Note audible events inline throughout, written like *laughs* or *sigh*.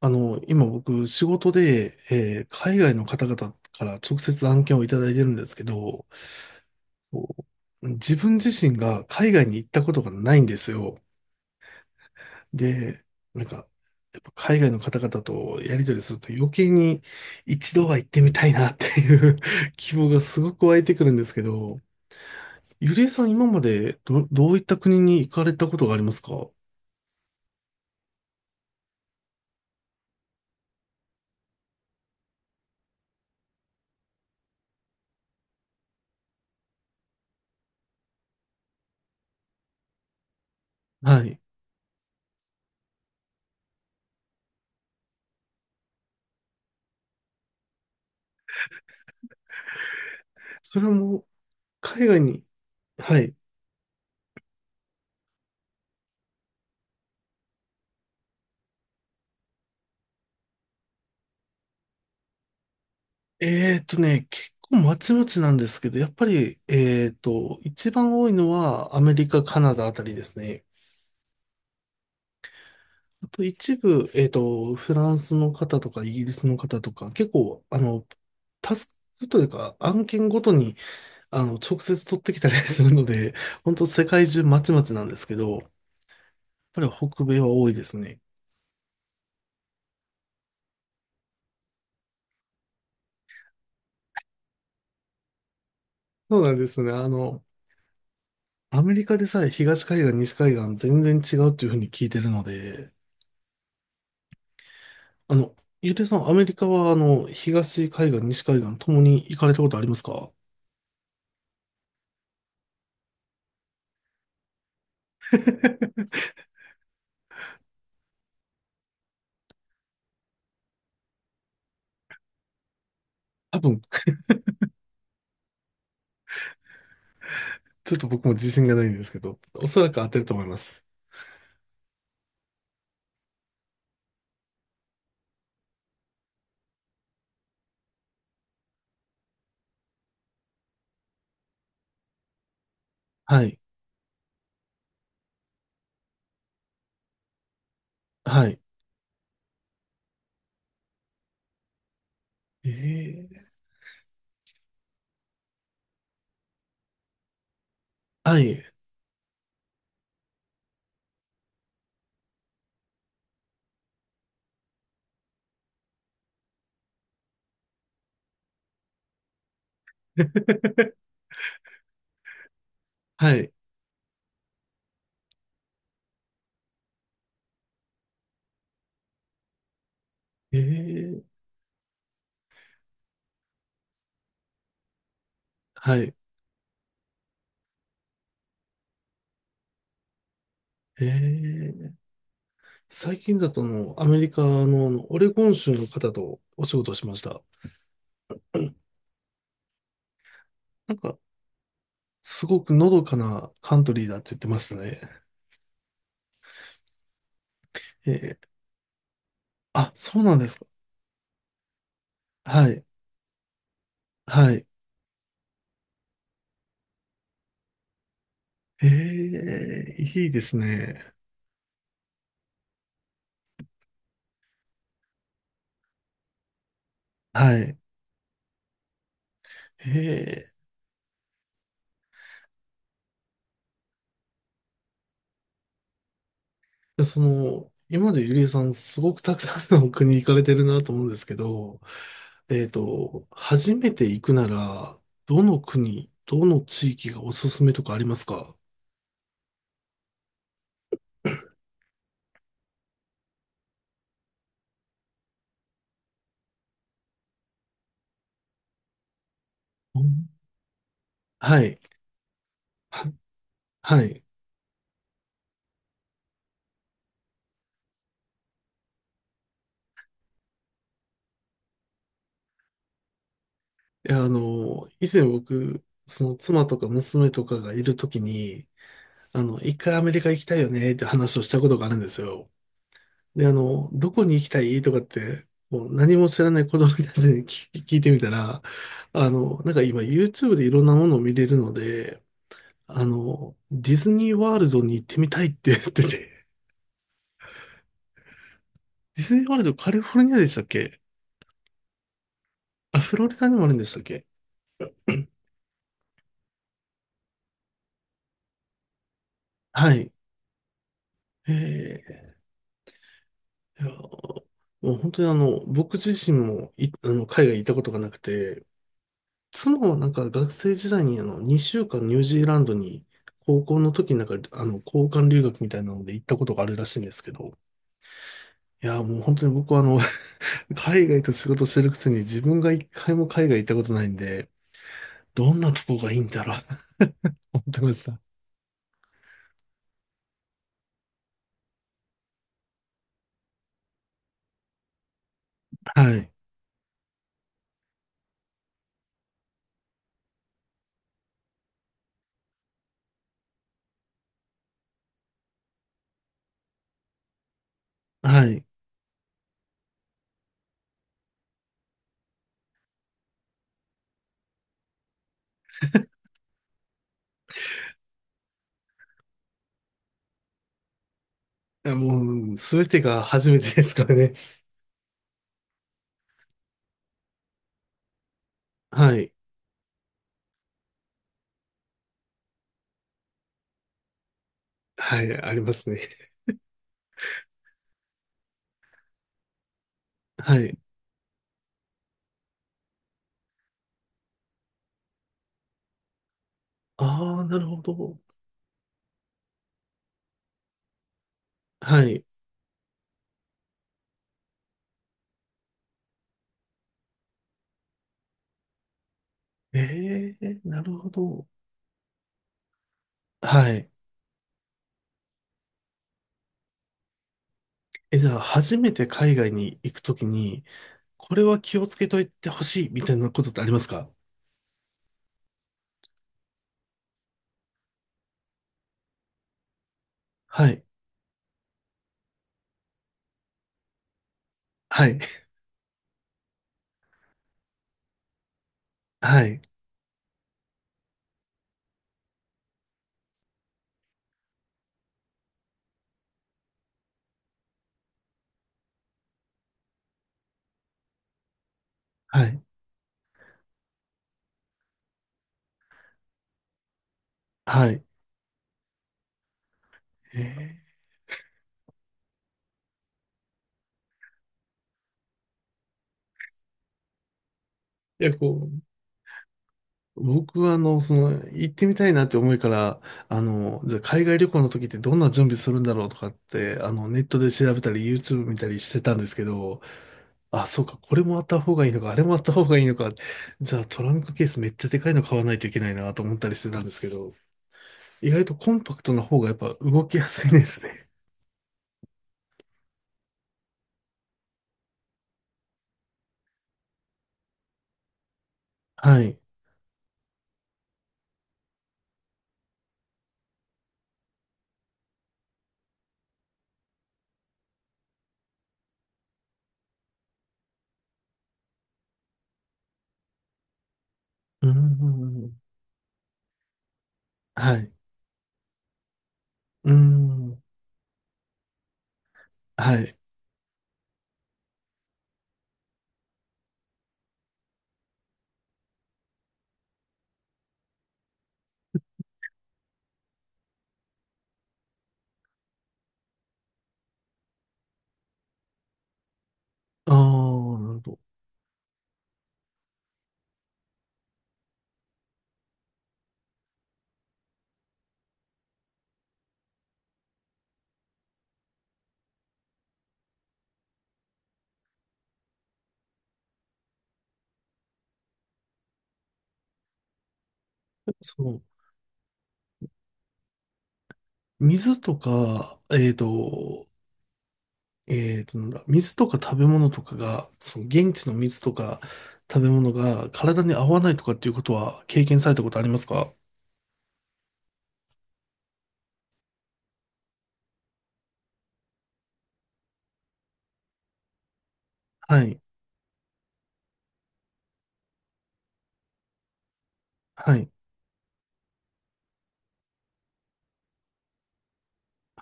今僕、仕事で、海外の方々から直接案件をいただいてるんですけど、こう自分自身が海外に行ったことがないんですよ。で、なんか、やっぱ海外の方々とやり取りすると余計に一度は行ってみたいなっていう *laughs* 希望がすごく湧いてくるんですけど、ゆりえさん今までどういった国に行かれたことがありますか？はい。それも海外に、はい。結構まちまちなんですけど、やっぱり、一番多いのはアメリカ、カナダあたりですね。あと一部、フランスの方とかイギリスの方とか、結構、あの、タスクというか案件ごとに、あの、直接取ってきたりするので、本当世界中まちまちなんですけど、やっぱり北米は多いですね。そうなんですね。あの、アメリカでさえ東海岸、西海岸全然違うというふうに聞いてるので、あの、ゆうていさん、アメリカは、あの、東海岸、西海岸ともに行かれたことありますか？ *laughs* 多分、ちょっと僕も自信がないんですけど、おそらく当てると思います。はい。はい。えー、はい。*laughs* はい。えー、はい。えー、最近だとあの、アメリカの、あのオレゴン州の方とお仕事をしました。なんか、すごくのどかなカントリーだって言ってましたね。えー、あ、そうなんですか。はい。はい。ええ、いいですね。はい。ええ、その、今までゆりえさん、すごくたくさんの国行かれてるなと思うんですけど、えっと、初めて行くなら、どの国、どの地域がおすすめとかありますか？うん。はい。は、はい。いや、あの、以前僕、その妻とか娘とかがいるときに、あの、一回アメリカ行きたいよねって話をしたことがあるんですよ。で、あの、どこに行きたいとかって、もう何も知らない子供たちに聞 *laughs* 聞いてみたら、あの、なんか今 YouTube でいろんなものを見れるので、あの、ディズニーワールドに行ってみたいって言ってて、*laughs* ディズニーワールドカリフォルニアでしたっけ？あ、フロリダにもあるんでしたっけ？はい。えー、いやもう本当にあの、僕自身もあの、海外行ったことがなくて、妻はなんか学生時代にあの2週間ニュージーランドに高校の時になんかあの交換留学みたいなので行ったことがあるらしいんですけど、いやーもう本当に僕はあの *laughs* 海外と仕事してるくせに自分が一回も海外行ったことないんで、どんなとこがいいんだろうと思ってました。はい。はい。いやもうすべてが初めてですからね。はい。はい。ありますね。はい。ああ、なるほど。はい。ええ、なるほど。はい。え、じゃあ、初めて海外に行くときに、これは気をつけといてほしいみたいなことってありますか？はい。はい。*laughs* はい。はい。はい。えー、いや、こう、僕は、あの、その、行ってみたいなって思いから、あの、じゃあ、海外旅行の時ってどんな準備するんだろうとかって、あの、ネットで調べたり、YouTube 見たりしてたんですけど、あ、そうか、これもあった方がいいのか、あれもあった方がいいのか、じゃあ、トランクケースめっちゃでかいの買わないといけないなと思ったりしてたんですけど、意外とコンパクトな方がやっぱ動きやすいですね。はい。うーん。はい。うーん。はい。ああ、なるほど。その、水とか、えっと、えっと、なんだ、水とか食べ物とかが、その現地の水とか食べ物が体に合わないとかっていうことは経験されたことありますか？はい。はい。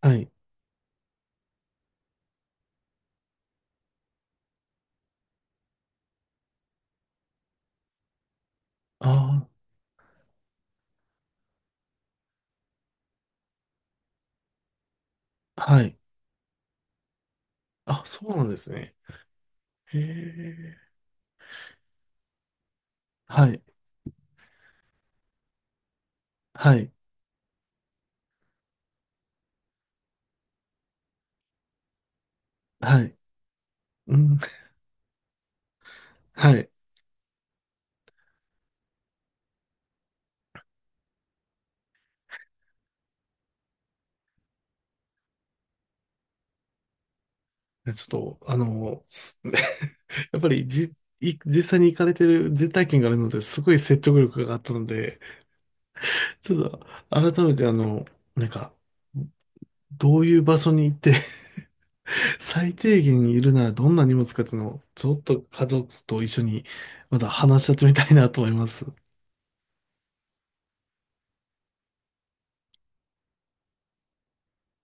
はい。ああ、はい。あ、そうなんですね。へえ。はい。はい。はい。うん。はい。でちょっと、あの、す *laughs* やっぱりじ、い実際に行かれてる実体験があるので、すごい説得力があったので、ちょっと、改めてあの、なんか、どういう場所に行って、*laughs* 最低限にいるならどんな荷物かっていうのを、ちょっと家族と一緒に、また話し合ってみたいなと思います。